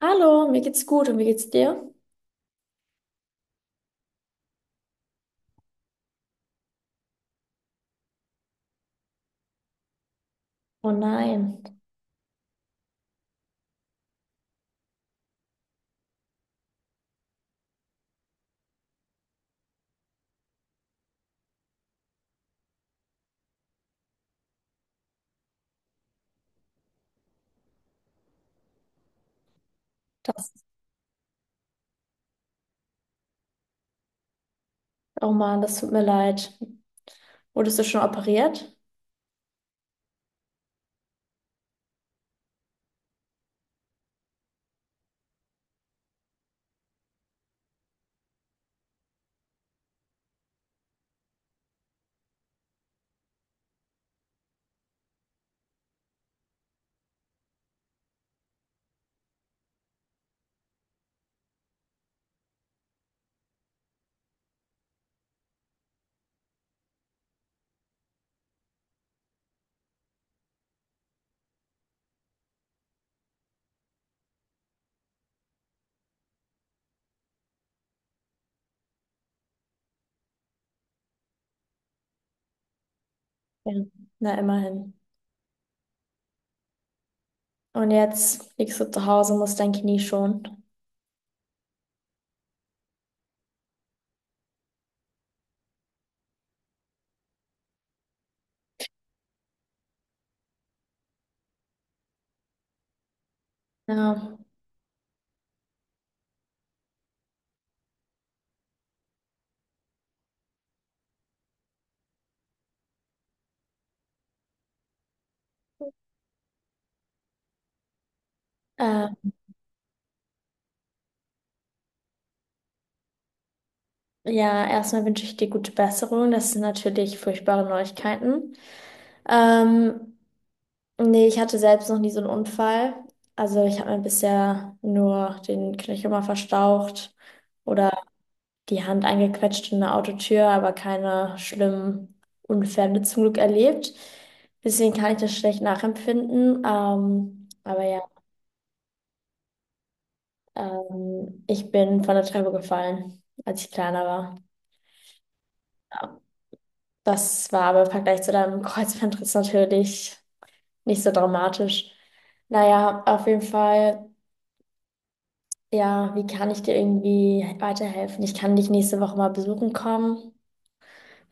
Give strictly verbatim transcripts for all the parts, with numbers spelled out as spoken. Hallo, mir geht's gut und wie geht's dir? Oh nein, das, oh Mann, das tut mir leid. Wurdest du schon operiert? Ja. Na, immerhin. Und jetzt liegst du zu Hause, musst dein Knie schonen. Ja, äh, ja, erstmal wünsche ich dir gute Besserung. Das sind natürlich furchtbare Neuigkeiten. Ähm, Nee, ich hatte selbst noch nie so einen Unfall. Also ich habe mir bisher nur den Knöchel mal verstaucht oder die Hand eingequetscht in eine Autotür, aber keine schlimmen Unfälle zum Glück erlebt. Deswegen kann ich das schlecht nachempfinden. Ähm, aber ja, ähm, ich bin von der Treppe gefallen, als ich kleiner war. Ja, das war aber im Vergleich zu deinem Kreuzbandriss natürlich nicht so dramatisch. Naja, auf jeden Fall. Ja, wie kann ich dir irgendwie weiterhelfen? Ich kann dich nächste Woche mal besuchen kommen.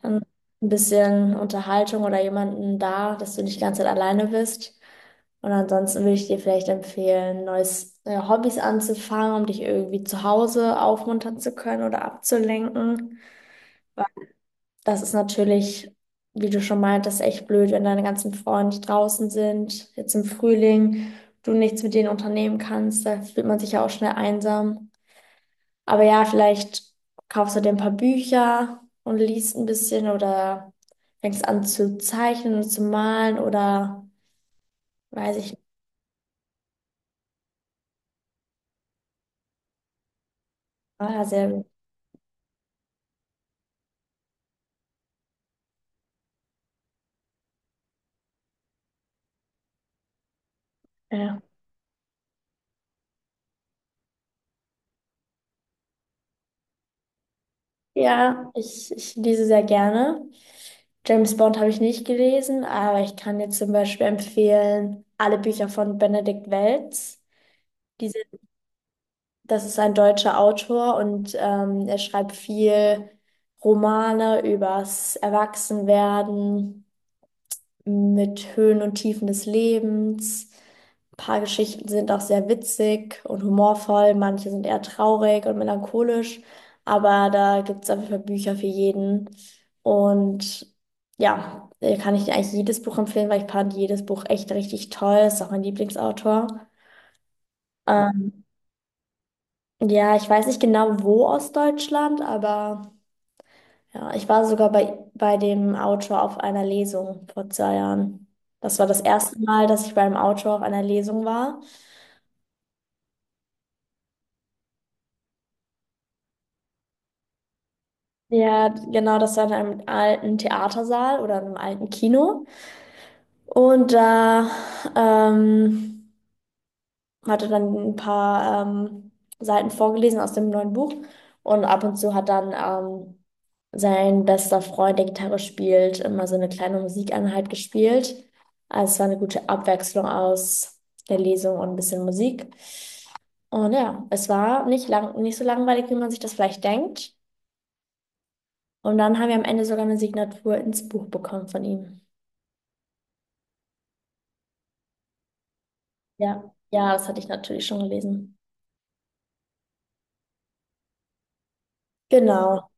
Dann ein bisschen Unterhaltung oder jemanden da, dass du nicht die ganze Zeit alleine bist. Und ansonsten würde ich dir vielleicht empfehlen, neues äh, Hobbys anzufangen, um dich irgendwie zu Hause aufmuntern zu können oder abzulenken. Weil das ist natürlich, wie du schon meintest, echt blöd, wenn deine ganzen Freunde draußen sind, jetzt im Frühling, du nichts mit denen unternehmen kannst, da fühlt man sich ja auch schnell einsam. Aber ja, vielleicht kaufst du dir ein paar Bücher und liest ein bisschen oder fängst an zu zeichnen und zu malen oder weiß ich nicht. Ah, sehr, ja, ja, ich, ich lese sehr gerne. James Bond habe ich nicht gelesen, aber ich kann dir zum Beispiel empfehlen, alle Bücher von Benedikt Welz. Die sind, das ist ein deutscher Autor und ähm, er schreibt viel Romane übers Erwachsenwerden mit Höhen und Tiefen des Lebens. Ein paar Geschichten sind auch sehr witzig und humorvoll, manche sind eher traurig und melancholisch, aber da gibt es auf jeden Fall Bücher für jeden. Und ja, äh, kann ich eigentlich jedes Buch empfehlen, weil ich fand jedes Buch echt richtig toll. Ist auch mein Lieblingsautor. Ähm, ja, ich weiß nicht genau wo aus Deutschland, aber. Ja, ich war sogar bei, bei dem Autor auf einer Lesung vor zwei Jahren. Das war das erste Mal, dass ich beim Autor auf einer Lesung war. Ja, genau, das war in einem alten Theatersaal oder in einem alten Kino. Und da ähm, hat er dann ein paar ähm, Seiten vorgelesen aus dem neuen Buch. Und ab und zu hat dann ähm, sein bester Freund, der Gitarre spielt, immer so eine kleine Musikeinheit gespielt. Also es war eine gute Abwechslung aus der Lesung und ein bisschen Musik. Und ja, es war nicht lang, nicht so langweilig, wie man sich das vielleicht denkt. Und dann haben wir am Ende sogar eine Signatur ins Buch bekommen von ihm. Ja, ja, das hatte ich natürlich schon gelesen. Genau.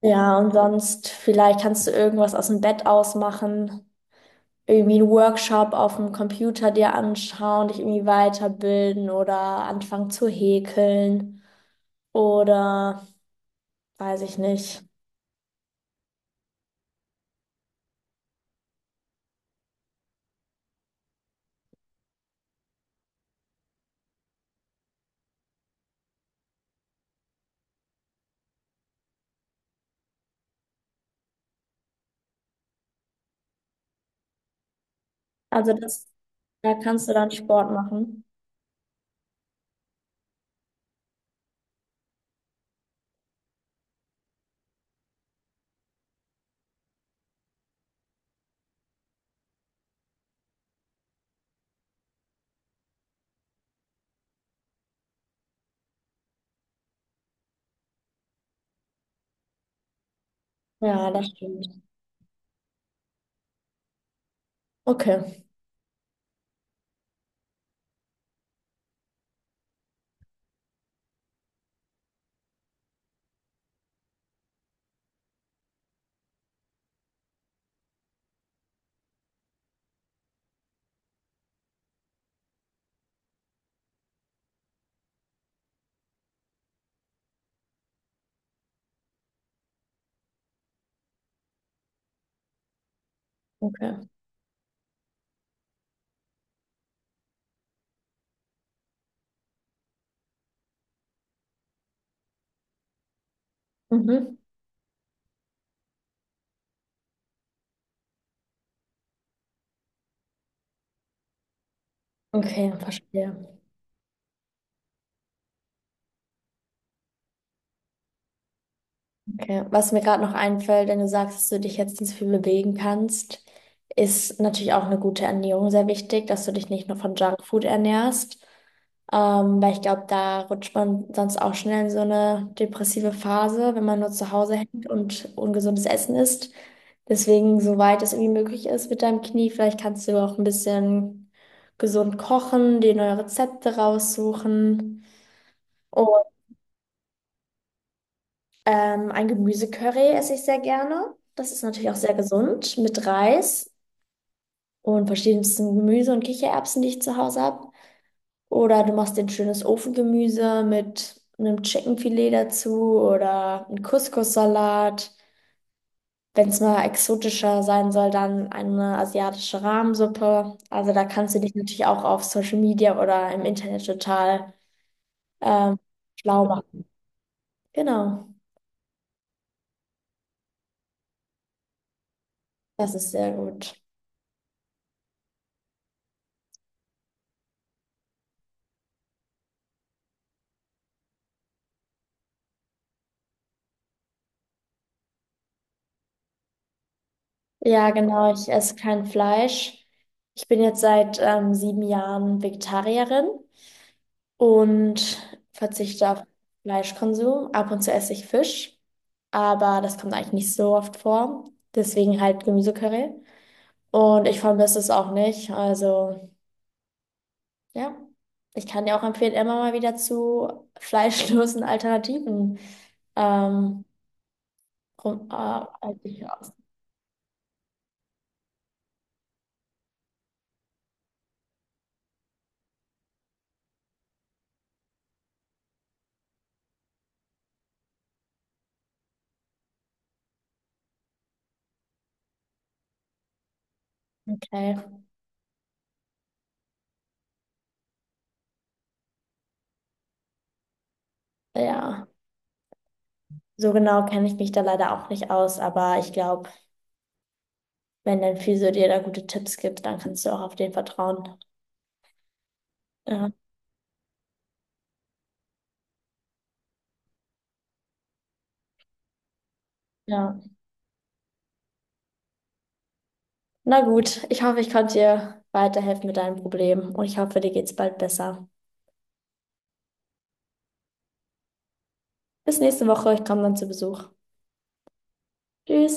Ja, und sonst, vielleicht kannst du irgendwas aus dem Bett ausmachen, irgendwie einen Workshop auf dem Computer dir anschauen, dich irgendwie weiterbilden oder anfangen zu häkeln oder weiß ich nicht. Also das, da kannst du dann Sport machen. Ja, das stimmt. Okay, okay. Mhm. Okay, verstehe. Okay. Was mir gerade noch einfällt, wenn du sagst, dass du dich jetzt nicht so viel bewegen kannst, ist natürlich auch eine gute Ernährung sehr wichtig, dass du dich nicht nur von Junkfood ernährst. Ähm, weil ich glaube, da rutscht man sonst auch schnell in so eine depressive Phase, wenn man nur zu Hause hängt und ungesundes Essen isst. Deswegen, soweit es irgendwie möglich ist mit deinem Knie, vielleicht kannst du auch ein bisschen gesund kochen, dir neue Rezepte raussuchen. Ähm, ein Gemüsecurry esse ich sehr gerne. Das ist natürlich auch sehr gesund mit Reis und verschiedensten Gemüse und Kichererbsen, die ich zu Hause habe. Oder du machst dir ein schönes Ofengemüse mit einem Chickenfilet dazu oder einen Couscous-Salat. Wenn es mal exotischer sein soll, dann eine asiatische Rahmsuppe. Also da kannst du dich natürlich auch auf Social Media oder im Internet total ähm, schlau machen. Genau, das ist sehr gut. Ja, genau. Ich esse kein Fleisch. Ich bin jetzt seit ähm, sieben Jahren Vegetarierin und verzichte auf Fleischkonsum. Ab und zu esse ich Fisch, aber das kommt eigentlich nicht so oft vor. Deswegen halt Gemüsecurry. Und ich vermisse es auch nicht. Also ja, ich kann dir auch empfehlen, immer mal wieder zu fleischlosen Alternativen ähm, rum, äh, halt dich aus. Okay. Ja. So genau kenne ich mich da leider auch nicht aus, aber ich glaube, wenn dein Physio dir da gute Tipps gibt, dann kannst du auch auf den vertrauen. Ja, ja. Na gut, ich hoffe, ich konnte dir weiterhelfen mit deinem Problem und ich hoffe, dir geht's bald besser. Bis nächste Woche, ich komme dann zu Besuch. Tschüss.